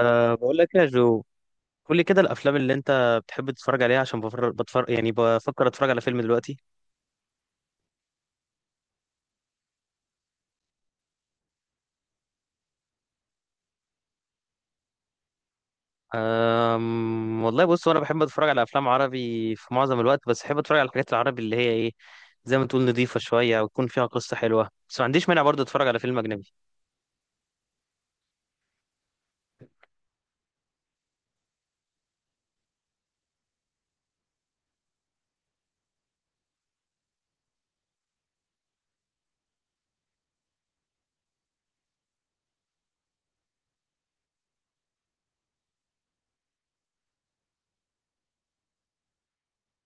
أه بقول لك يا جو. قول لي كده الافلام اللي انت بتحب تتفرج عليها عشان بتفرج، يعني بفكر اتفرج على فيلم دلوقتي. والله بص، وانا بحب اتفرج على افلام عربي في معظم الوقت، بس بحب اتفرج على الحاجات العربي اللي هي ايه، زي ما تقول نظيفة شوية وتكون فيها قصة حلوة، بس ما عنديش مانع برضه اتفرج على فيلم اجنبي.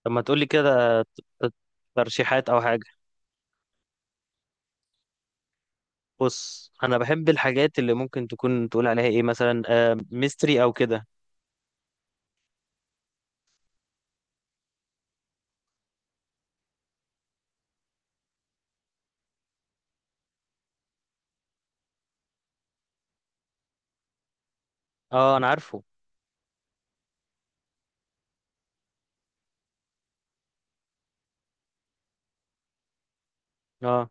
طب ما تقول لي كده ت- ترشيحات او حاجة. بص، انا بحب الحاجات اللي ممكن تكون تقول عليها ايه، مثلا أه ميستري او كده. اه انا عارفه. اه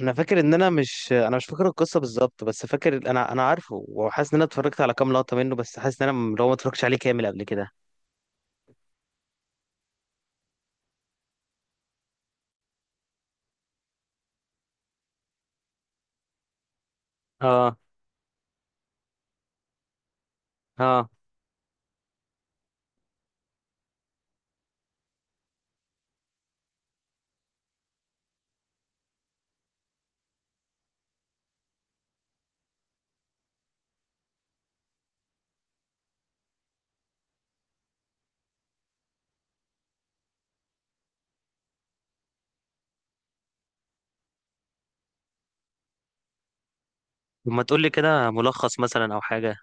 انا فاكر ان انا مش فاكر القصه بالظبط، بس فاكر انا عارفه، وحاسس ان انا اتفرجت على كام لقطه منه، بس حاسس ان لو ما اتفرجتش عليه كامل قبل كده. اه. اه. لما تقول لي كده ملخص مثلا او حاجه.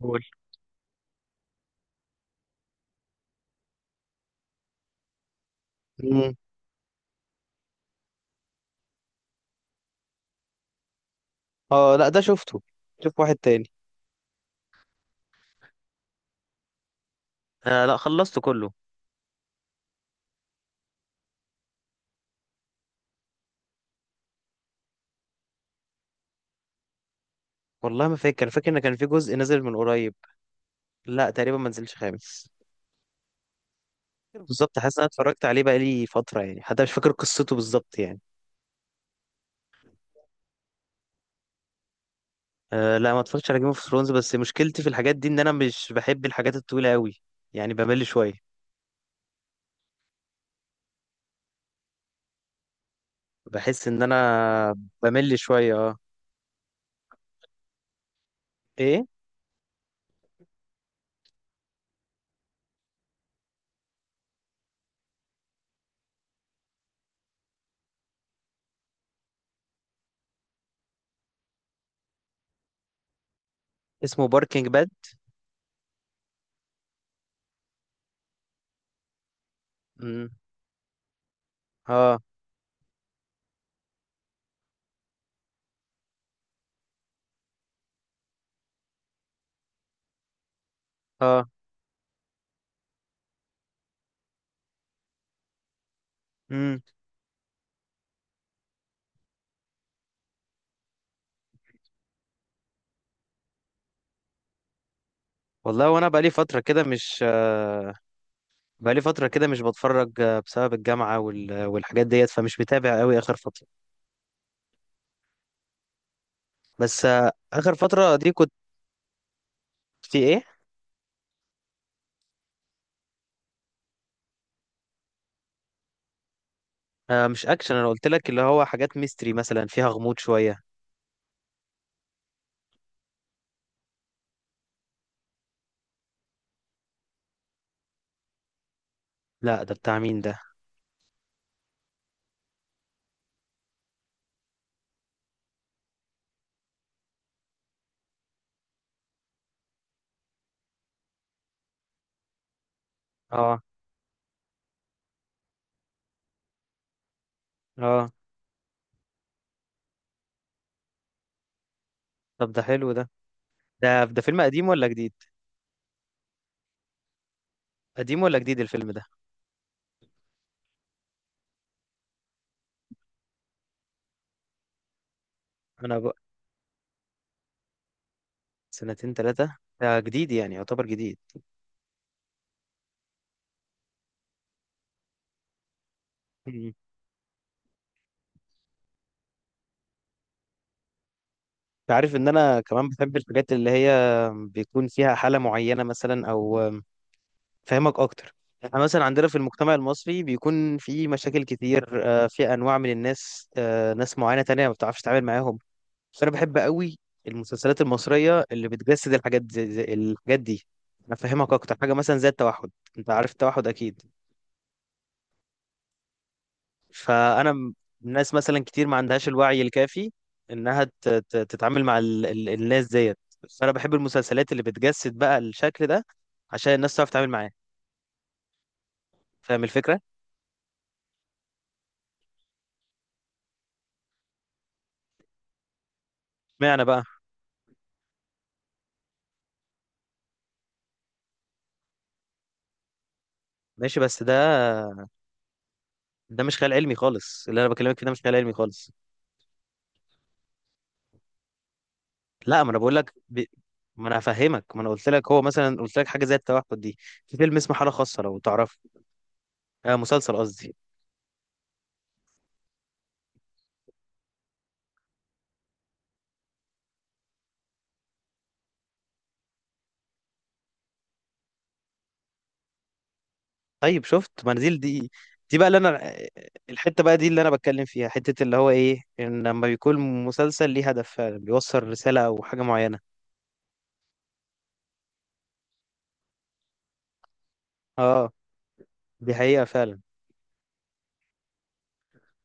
قول. امم. اه لا ده شفته. شوف واحد تاني. آه لا خلصته كله. والله ما فاكر، فاكر ان كان في جزء نزل من قريب. لا تقريبا ما نزلش خامس بالظبط. حاسس ان انا اتفرجت عليه بقالي فتره، يعني حتى مش فاكر قصته بالظبط يعني. أه لا ما اتفرجتش على جيم اوف ثرونز، بس مشكلتي في الحاجات دي ان انا مش بحب الحاجات الطويله قوي، يعني بمل شويه، بحس ان انا بمل شويه اه. ايه. اسمه باركينج باد. امم. اه. اه. امم. والله وانا بقالي فتره كده مش بقالي فتره كده مش بتفرج، بسبب الجامعه والحاجات ديت، فمش متابع قوي اخر فتره، بس اخر فتره دي كنت. في ايه. آه، مش اكشن، انا قلت لك اللي هو حاجات ميستري مثلا، فيها غموض شويه. لا ده بتاع مين ده؟ اه. اه. طب ده حلو ده ده فيلم قديم ولا جديد؟ قديم ولا جديد الفيلم ده؟ انا بقى. سنتين ثلاثة. ده جديد، يعني يعتبر جديد. مم. انت عارف ان انا كمان بحب الحاجات اللي هي بيكون فيها حالة معينة، مثلا او فاهمك اكتر. احنا مثلا عندنا في المجتمع المصري بيكون في مشاكل كتير، في انواع من الناس، ناس معينة تانية ما بتعرفش تتعامل معاهم، بس انا بحب قوي المسلسلات المصرية اللي بتجسد الحاجات زي الحاجات دي. انا فاهمك اكتر حاجة مثلا زي التوحد. انت عارف التوحد اكيد. فانا م- الناس مثلا كتير ما عندهاش الوعي الكافي انها تتعامل مع الناس ديت، فانا بحب المسلسلات اللي بتجسد بقى الشكل ده، عشان الناس تعرف تتعامل معاه، فاهم الفكره؟ معنى بقى. ماشي بس ده، ده مش خيال علمي خالص اللي انا بكلمك فيه، ده مش خيال علمي خالص. لا ما انا بقول لك، ما انا هفهمك، ما انا قلت لك هو مثلا قلت لك حاجه زي التوحد دي، في فيلم اسمه حاله خاصه لو تعرفه. آه، مسلسل قصدي. طيب شفت منزل دي. دي بقى اللي انا، الحته بقى دي اللي انا بتكلم فيها، حته اللي هو ايه، ان لما بيكون مسلسل ليه هدف فعلا بيوصل رساله او حاجه معينه. اه، دي حقيقه فعلا.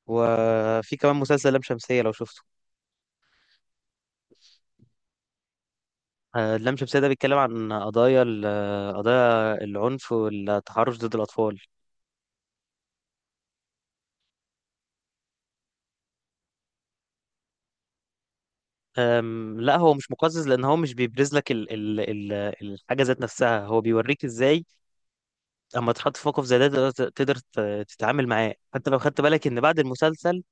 وفي كمان مسلسل لام شمسيه لو شفته. آه، لام شمسيه ده بيتكلم عن قضايا قضايا العنف والتحرش ضد الاطفال. لا، هو مش مقزز، لان هو مش بيبرز لك ال ال ال الحاجه ذات نفسها، هو بيوريك ازاي اما تحط في موقف زي ده تقدر، تقدر تتعامل معاه، حتى لو خدت بالك ان بعد المسلسل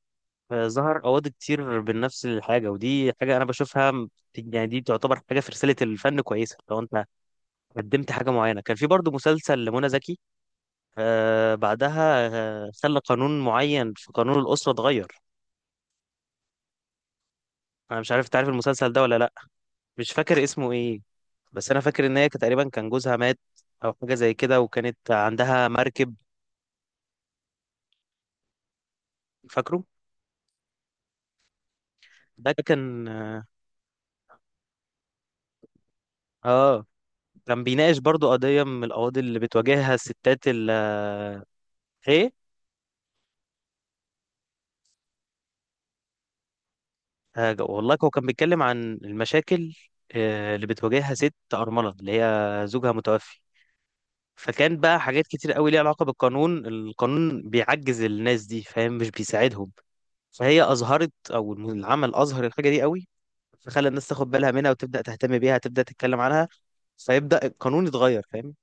فظهر قواضي كتير بنفس الحاجة، ودي حاجة أنا بشوفها يعني، دي تعتبر حاجة في رسالة الفن كويسة لو أنت قدمت حاجة معينة. كان في برضو مسلسل لمنى زكي بعدها خلى قانون معين في قانون الأسرة اتغير. أنا مش عارف تعرف المسلسل ده ولا لأ. مش فاكر اسمه إيه، بس أنا فاكر إن هي كانت تقريبا كان جوزها مات، أو حاجة زي كده، وكانت عندها مركب فاكره. ده كان آه، كان بيناقش برضو قضية من القواضي اللي بتواجهها الستات إيه. حاجة والله، هو كان بيتكلم عن المشاكل اللي بتواجهها ست أرملة اللي هي زوجها متوفي، فكان بقى حاجات كتير قوي ليها علاقة بالقانون، القانون بيعجز الناس دي، فاهم؟ مش بيساعدهم. فهي أظهرت أو العمل أظهر الحاجة دي قوي، فخلى الناس تاخد بالها منها وتبدأ تهتم بيها، تبدأ تتكلم عنها، فيبدأ القانون يتغير، فاهم؟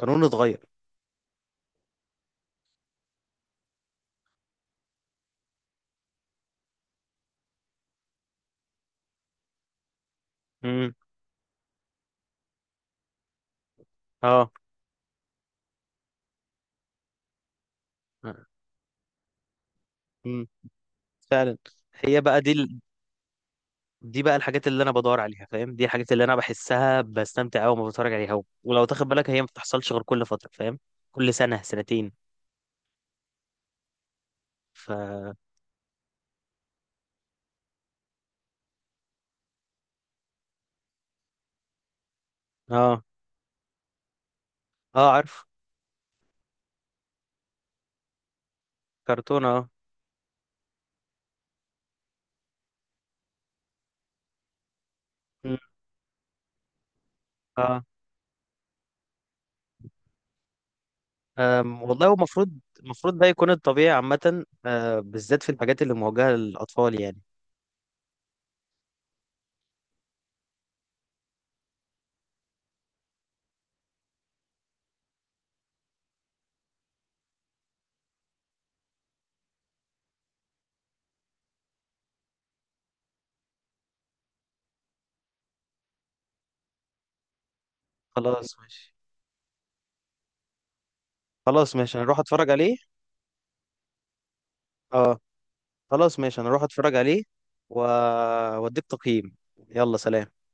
القانون يتغير. امم. اه. امم، فعلا. هي بقى دي، دي بقى الحاجات اللي انا بدور عليها، فاهم؟ دي الحاجات اللي انا بحسها بستمتع قوي وما بتفرج عليها، ولو تاخد بالك هي ما بتحصلش غير كل فتره، فاهم؟ كل سنه سنتين. ف اه اه عارف. كرتون. اه. مم. اه. والله هو المفروض، المفروض ده يكون الطبيعي عامه، بالذات في الحاجات اللي موجهه للاطفال يعني. خلاص ماشي. خلاص ماشي انا اروح اتفرج عليه. اه خلاص ماشي انا اروح اتفرج عليه. و- واديك تقييم. يلا سلام.